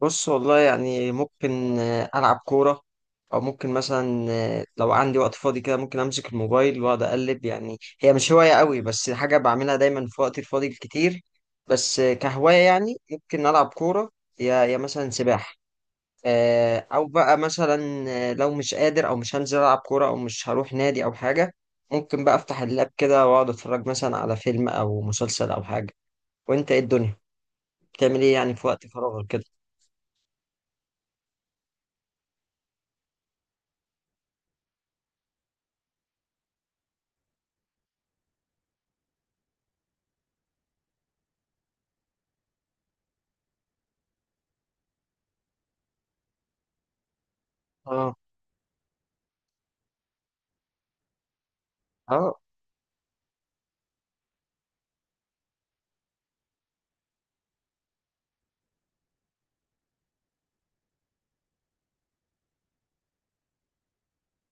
بص والله يعني ممكن ألعب كورة، أو ممكن مثلا لو عندي وقت فاضي كده ممكن أمسك الموبايل وأقعد أقلب. يعني هي مش هواية قوي، بس حاجة بعملها دايما في وقتي الفاضي الكتير. بس كهواية يعني ممكن ألعب كورة يا مثلا سباحة. أو بقى مثلا لو مش قادر أو مش هنزل ألعب كورة أو مش هروح نادي أو حاجة، ممكن بقى أفتح اللاب كده وأقعد أتفرج مثلا على فيلم أو مسلسل أو حاجة. وأنت إيه الدنيا بتعمل إيه يعني في وقت فراغك كده؟ اه اه.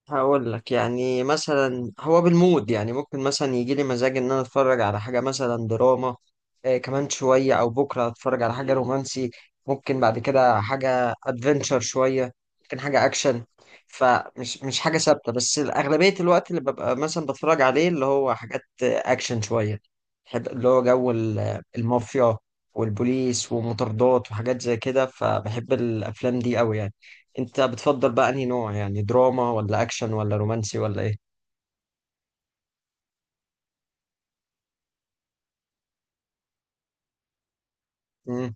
هقول لك، يعني مثلا هو بالمود، يعني ممكن مثلا يجي لي مزاج ان انا اتفرج على حاجه مثلا دراما، كمان شويه او بكره اتفرج على حاجه رومانسي، ممكن بعد كده حاجه ادفنتشر شويه، ممكن حاجه اكشن. فمش مش حاجه ثابته، بس اغلبيه الوقت اللي ببقى مثلا بتفرج عليه اللي هو حاجات اكشن شويه. بحب اللي هو جو المافيا والبوليس ومطاردات وحاجات زي كده، فبحب الافلام دي قوي يعني. انت بتفضل بقى انهي نوع، يعني دراما ولا اكشن ولا رومانسي ولا ايه؟ امم،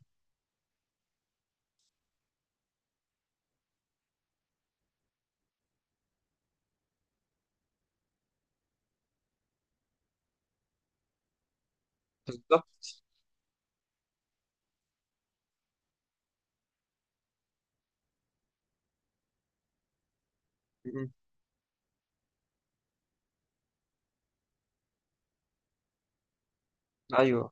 بالظبط. مم. ايوه.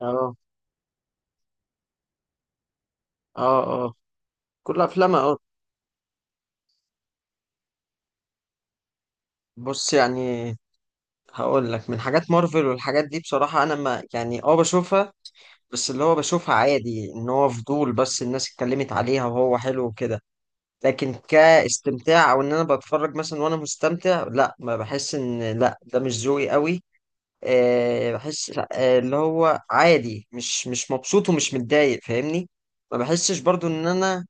اه اه اه كل افلامها. اه بص يعني هقول لك من حاجات مارفل والحاجات دي، بصراحة انا ما يعني بشوفها، بس اللي هو بشوفها عادي ان هو فضول، بس الناس اتكلمت عليها وهو حلو وكده. لكن كاستمتاع او ان انا بتفرج مثلا وانا مستمتع، لا ما بحس ان لا ده مش ذوقي قوي. بحس اللي هو عادي، مش مبسوط ومش متضايق، فاهمني؟ ما بحسش برضو ان انا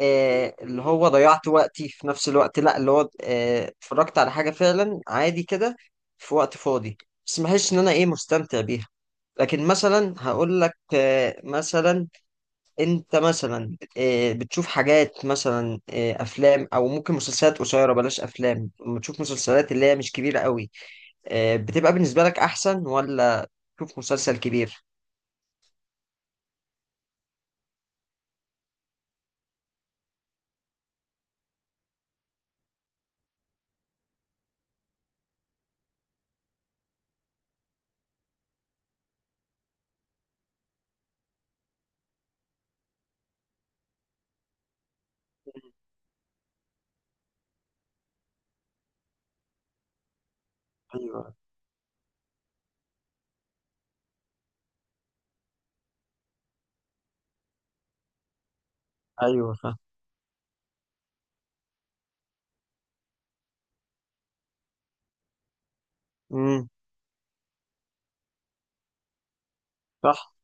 اللي هو ضيعت وقتي في نفس الوقت، لا اللي هو اتفرجت على حاجة فعلا عادي كده في وقت فاضي، بس ما بحسش ان انا ايه مستمتع بيها. لكن مثلا هقول لك مثلا، انت مثلا بتشوف حاجات مثلا افلام او ممكن مسلسلات قصيره، بلاش افلام، لما تشوف مسلسلات اللي هي مش كبيره قوي، بتبقى بالنسبه لك احسن ولا شوف مسلسل كبير؟ ايوه ايوه فاهم. امم صح.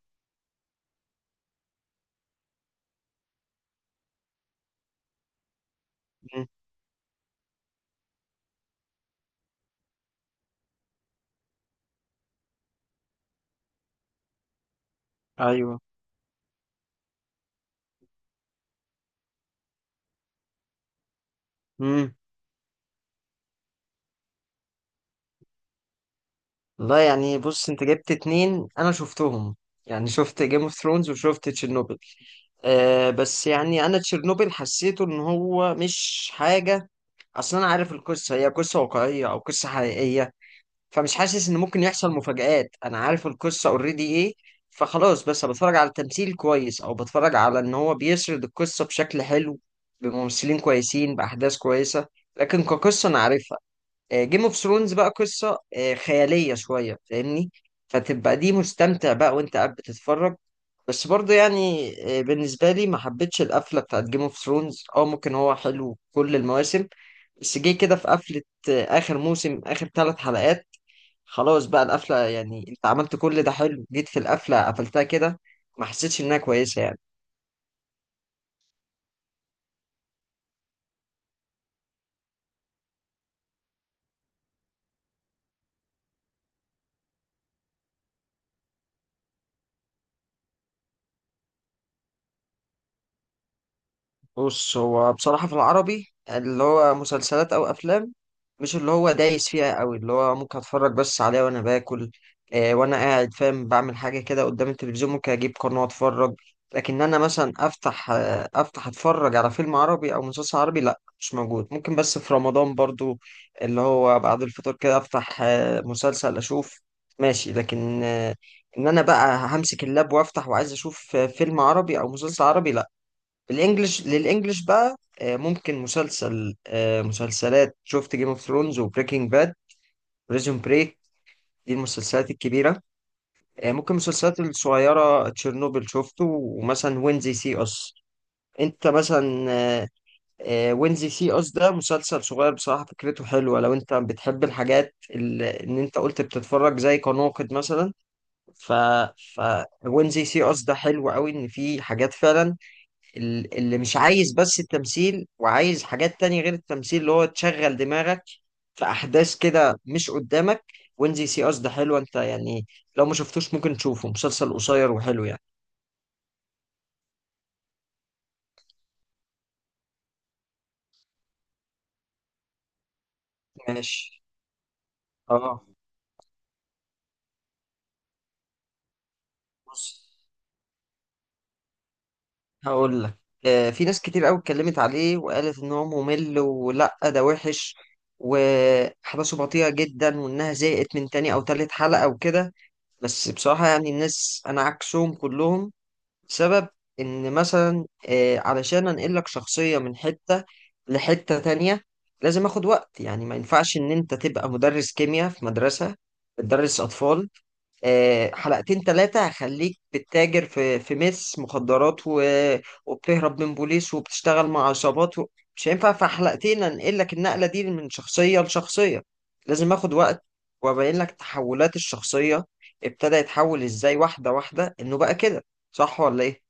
مم. ايوه. امم. والله يعني بص انت جبت اتنين انا شفتهم، يعني شفت جيم اوف ثرونز وشفت تشيرنوبل. بس يعني انا تشيرنوبل حسيته ان هو مش حاجه، اصلا انا عارف القصه هي قصه واقعيه او قصه حقيقيه، فمش حاسس ان ممكن يحصل مفاجآت، انا عارف القصة اوريدي ايه. فخلاص بس بتفرج على التمثيل كويس او بتفرج على ان هو بيسرد القصة بشكل حلو بممثلين كويسين باحداث كويسة، لكن كقصة انا عارفها. جيم اوف ثرونز بقى قصة خيالية شوية، فاهمني؟ فتبقى دي مستمتع بقى وانت قاعد بتتفرج. بس برضه يعني بالنسبة لي ما حبيتش القفلة بتاعت جيم اوف ثرونز، اه ممكن هو حلو كل المواسم، بس جه كده في قفلة آخر موسم آخر 3 حلقات، خلاص بقى القفلة، يعني انت عملت كل ده حلو جيت في القفلة قفلتها كده، ما حسيتش انها كويسة يعني. بص هو بصراحة في العربي اللي هو مسلسلات أو أفلام، مش اللي هو دايس فيها أوي، اللي هو ممكن أتفرج بس عليها وأنا باكل وأنا قاعد فاهم بعمل حاجة كده قدام التلفزيون، ممكن أجيب قناة وأتفرج. لكن أنا مثلا أفتح أتفرج على فيلم عربي أو مسلسل عربي، لأ مش موجود، ممكن بس في رمضان برضو اللي هو بعد الفطور كده أفتح مسلسل أشوف ماشي، لكن إن أنا بقى همسك اللاب وأفتح وعايز أشوف فيلم عربي أو مسلسل عربي، لأ. الانجليش للانجليش بقى ممكن مسلسل مسلسلات شفت جيم اوف ثرونز وبريكنج باد، بريزون بريك، دي المسلسلات الكبيرة. ممكن المسلسلات الصغيرة تشيرنوبل شفته، ومثلا وينزي سي اس. انت مثلا وينزي سي اس ده مسلسل صغير بصراحة فكرته حلوة، لو انت بتحب الحاجات اللي ان انت قلت بتتفرج زي كناقد مثلا. ف ف وينزي سي اس ده حلو قوي ان في حاجات فعلا، اللي مش عايز بس التمثيل وعايز حاجات تانية غير التمثيل اللي هو تشغل دماغك، في أحداث كده مش قدامك. وينزي سي أس ده حلو، أنت يعني لو ما شفتوش ممكن تشوفه، مسلسل قصير وحلو يعني. ماشي. اه. بص هقول لك، في ناس كتير قوي اتكلمت عليه وقالت إن هو ممل ولا ده وحش، وأحداثه بطيئة جدا، وإنها زهقت من تاني أو تالت حلقة وكده. بس بصراحة يعني الناس أنا عكسهم كلهم. سبب ان مثلا علشان انقل لك شخصية من حتة لحتة تانية لازم اخد وقت، يعني ما ينفعش ان انت تبقى مدرس كيمياء في مدرسة بتدرس اطفال، حلقتين ثلاثة هخليك بتتاجر في مخدرات، و... وبتهرب من بوليس وبتشتغل مع عصابات. و... مش هينفع في حلقتين انقل لك النقلة دي من شخصية لشخصية، لازم اخد وقت، وابين لك تحولات الشخصية، ابتدى يتحول ازاي واحدة واحدة انه بقى كده، صح ولا ايه؟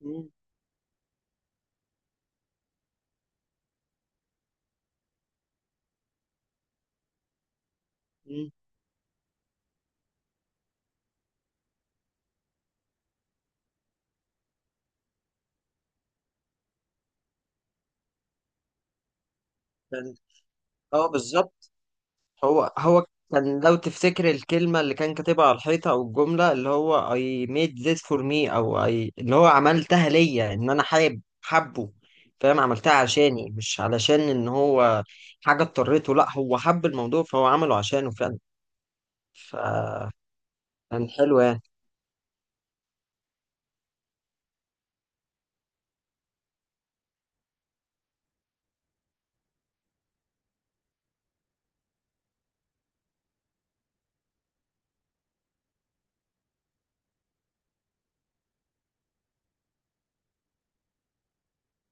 مم. مم. كان اه بالظبط. هو كان، لو تفتكر، الكلمة اللي كان كاتبها على الحيطة أو الجملة اللي هو I made this for me أو I اللي هو عملتها ليا، إن أنا حابب حبه، فاهم، عملتها عشاني، مش علشان إن هو حاجة اضطريته، لأ هو حب الموضوع فهو عمله عشانه فعلا. فكان حلو يعني.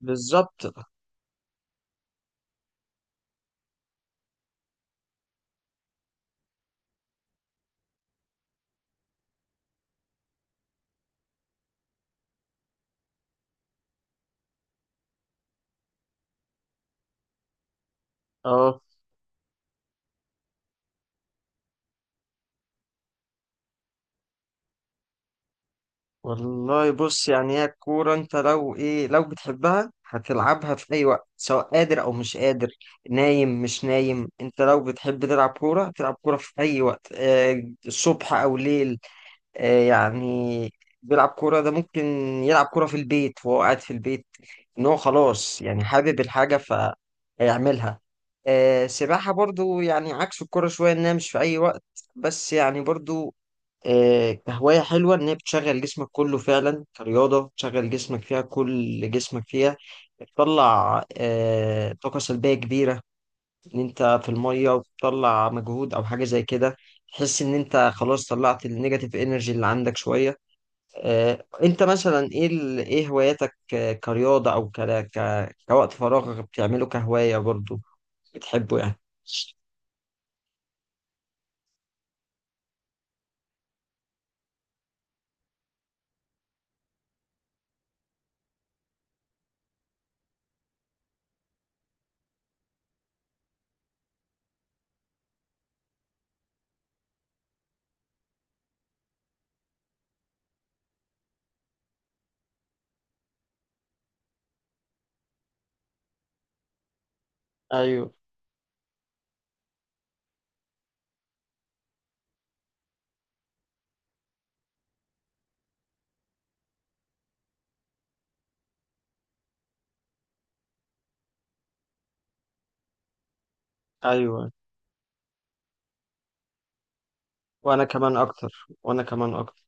بالظبط. اه. والله بص يعني هي الكورة انت لو ايه، لو بتحبها هتلعبها في اي وقت، سواء قادر او مش قادر، نايم مش نايم، انت لو بتحب تلعب كورة هتلعب كورة في اي وقت، الصبح او ليل. يعني بيلعب كورة ده ممكن يلعب كورة في البيت وهو قاعد في البيت، ان هو خلاص يعني حابب الحاجة فهيعملها. سباحة برضو يعني عكس الكورة شوية انها مش في اي وقت، بس يعني برضو كهواية حلوة إن هي بتشغل جسمك كله فعلا كرياضة بتشغل جسمك فيها كل جسمك فيها، بتطلع طاقة سلبية كبيرة، إن أنت في المية وبتطلع مجهود أو حاجة زي كده، تحس إن أنت خلاص طلعت النيجاتيف إنرجي اللي عندك شوية. أنت مثلا إيه إيه هواياتك كرياضة أو كوقت فراغ بتعمله كهواية برضو بتحبه يعني؟ أيوه أيوه. وأنا كمان أكتر وأنا كمان أكتر.